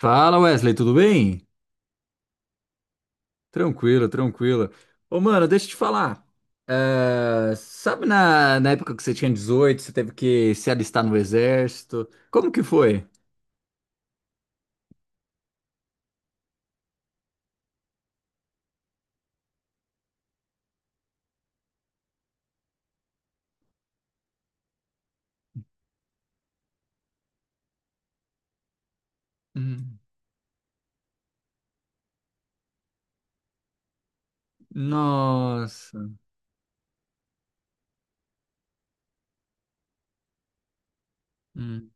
Fala Wesley, tudo bem? Tranquilo, tranquilo. Ô mano, deixa eu te falar. É, sabe na época que você tinha 18, você teve que se alistar no exército? Como que foi? Hum. Nossa. Hum.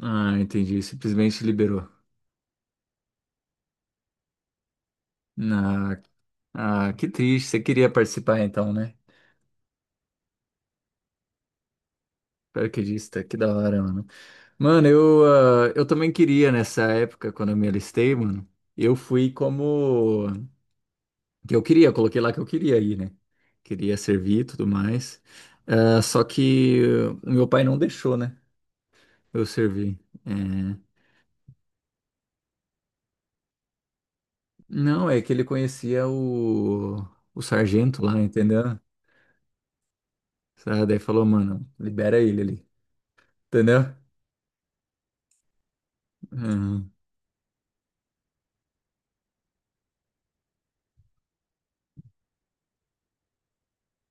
Ah, entendi. Simplesmente liberou. Ah, ah, que triste. Você queria participar então, né? Paraquedista, que da hora, mano. Mano, eu também queria nessa época, quando eu me alistei, mano. Eu fui como. Que eu queria, eu coloquei lá que eu queria ir, né? Queria servir e tudo mais. Ah, só que o meu pai não deixou, né? Eu servir. É. Não, é que ele conhecia o sargento lá, entendeu? Sabe? Daí falou, mano, libera ele ali, entendeu? Uhum.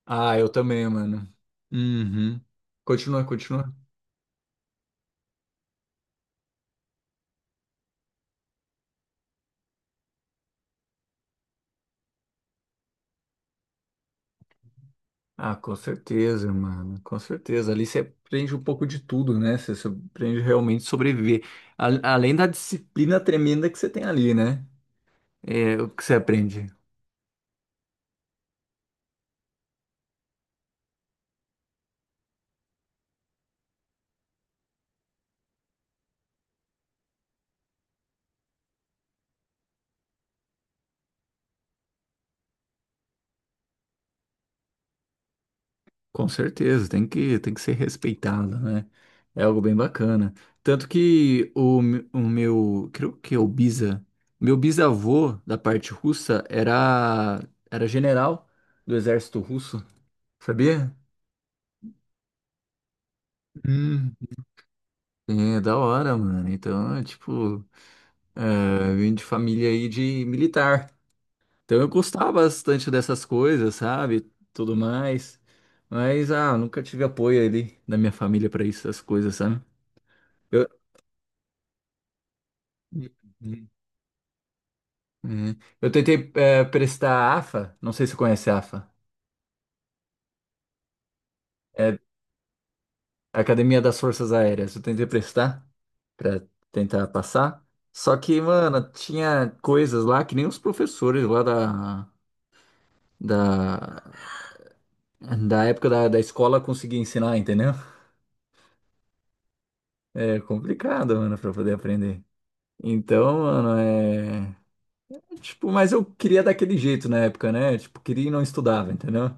Ah, eu também, mano. Uhum. Continua, continua. Ah, com certeza, mano, com certeza. Ali você aprende um pouco de tudo, né? Você aprende realmente a sobreviver. Além da disciplina tremenda que você tem ali, né? É o que você aprende. Com certeza, tem que ser respeitado, né? É algo bem bacana. Tanto que o meu, creio que é o Biza, meu bisavô da parte russa era general do exército russo, sabia? Hum. É, da hora, mano. Então, é tipo. Ah, eu vim de família aí de militar. Então eu gostava bastante dessas coisas, sabe? Tudo mais. Mas, ah, nunca tive apoio ali da minha família para essas coisas, sabe? Eu, Uhum. Uhum. Eu tentei prestar a AFA, não sei se você conhece a AFA, é Academia das Forças Aéreas. Eu tentei prestar para tentar passar, só que, mano, tinha coisas lá que nem os professores lá da, da época da escola conseguiam ensinar, entendeu? É complicado, mano, pra poder aprender. Então, mano, é. Tipo, mas eu queria daquele jeito na época, né? Tipo, queria e não estudava, entendeu?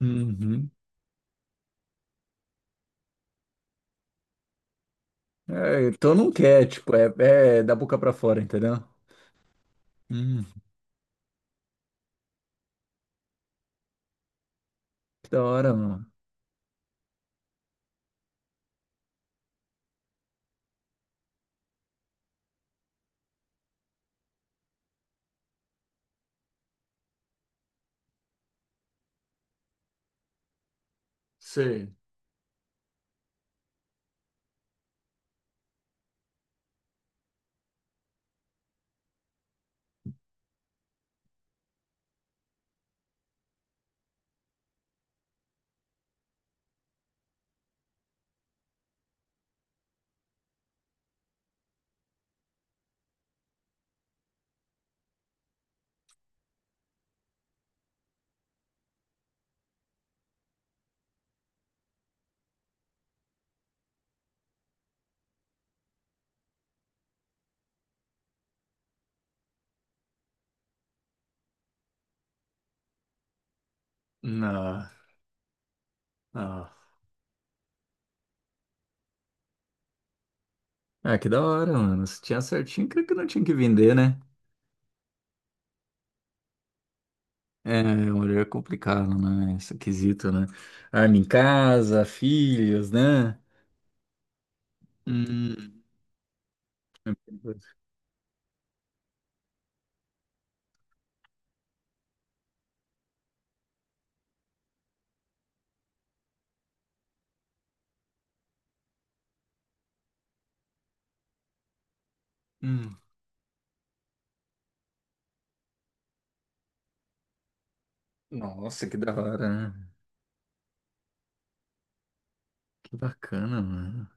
Uhum. É, então não quer, tipo, é da boca pra fora, entendeu? Hum, que da hora, mano. Sei. Não, não. Ah, que da hora, mano. Se tinha certinho, creio que não tinha que vender, né? É, mulher é complicado, né? Esse quesito, né? Arma em casa, filhos, né? Hum, hum. Nossa, que da hora. Que bacana, mano.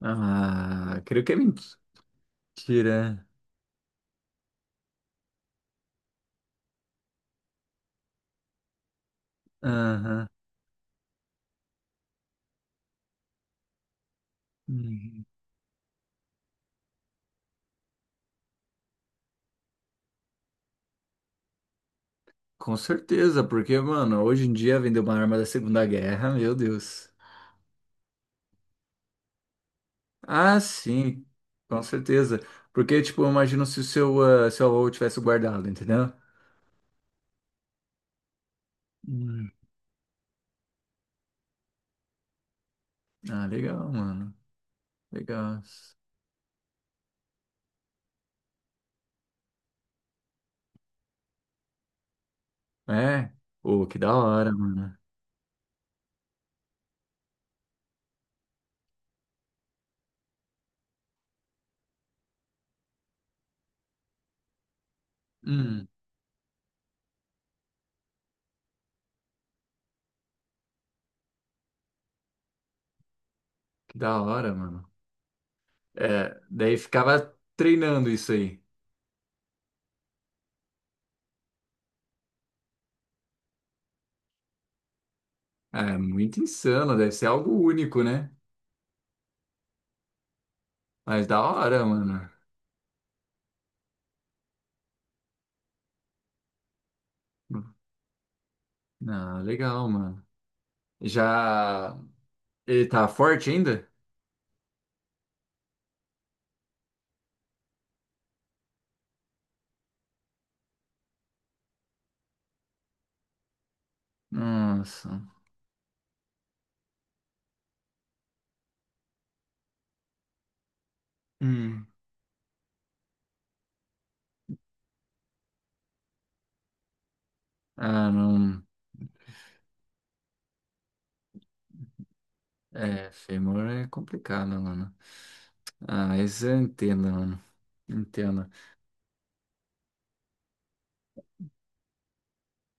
Ah, creio que é mentira. Aham. Hum. Com certeza, porque, mano, hoje em dia vender uma arma da Segunda Guerra, meu Deus. Ah, sim, com certeza. Porque, tipo, eu imagino se o seu, ah, seu avô tivesse guardado, entendeu? Hum. Ah, legal, mano. Legal. É? Ô, que da hora, mano. Hum, que da hora, mano. É, daí ficava treinando isso aí. É muito insano, deve ser algo único, né? Mas da hora, mano. Ah, legal, mano. Já. Ele tá forte ainda? Nossa. Hum. Ah, não. É, fêmur é complicado, mano. Ah, isso eu entendo, mano. Entendo.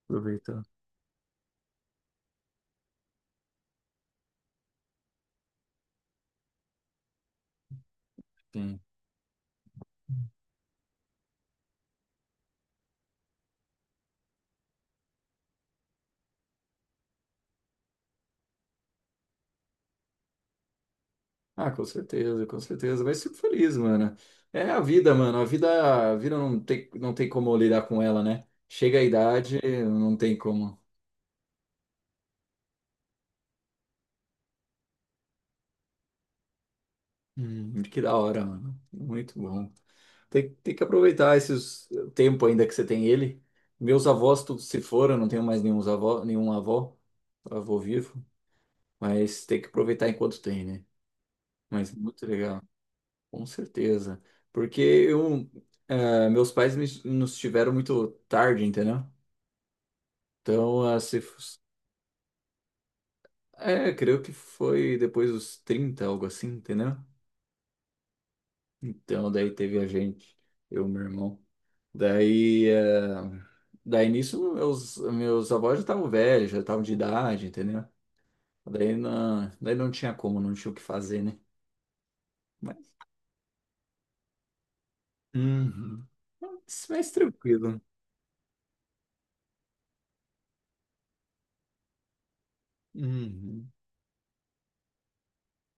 Aproveita. Sim. Ah, com certeza, com certeza. Vai ser feliz, mano. É a vida, mano. A vida não tem como lidar com ela, né? Chega a idade, não tem como. Que da hora, mano. Muito bom. Tem que aproveitar esses tempo ainda que você tem ele. Meus avós todos se foram, eu não tenho mais avô vivo, mas tem que aproveitar enquanto tem, né? Mas muito legal, com certeza. Porque meus pais nos tiveram muito tarde, entendeu? Então, ah, se, f- é, creio que foi depois dos 30 algo assim, entendeu? Então, daí teve a gente, eu, meu irmão. Daí, eh, daí nisso, meus avós já estavam velhos, já estavam de idade, entendeu? Daí não tinha como, não tinha o que fazer, né? Mas, Uhum. Mas tranquilo. Uhum.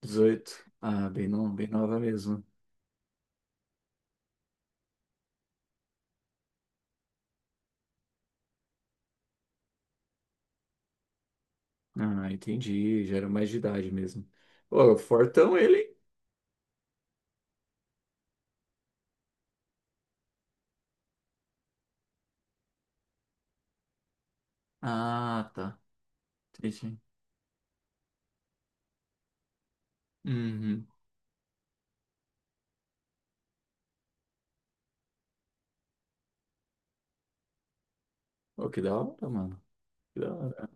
18. Ah, bem, no, bem nova mesmo. Ah, entendi. Já era mais de idade mesmo. Ô, o Fortão, ele. Hein? Ah, tá. Entendi. Uhum. Ô, que da hora, mano. Que da hora.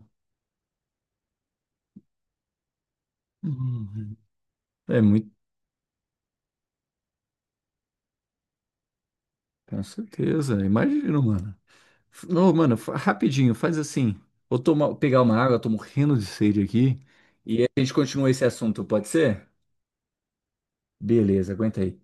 Uhum. É muito Com certeza, imagino, mano. Não, mano, rapidinho, faz assim. Vou tomar, pegar uma água, tô morrendo de sede aqui. E a gente continua esse assunto, pode ser? Beleza, aguenta aí.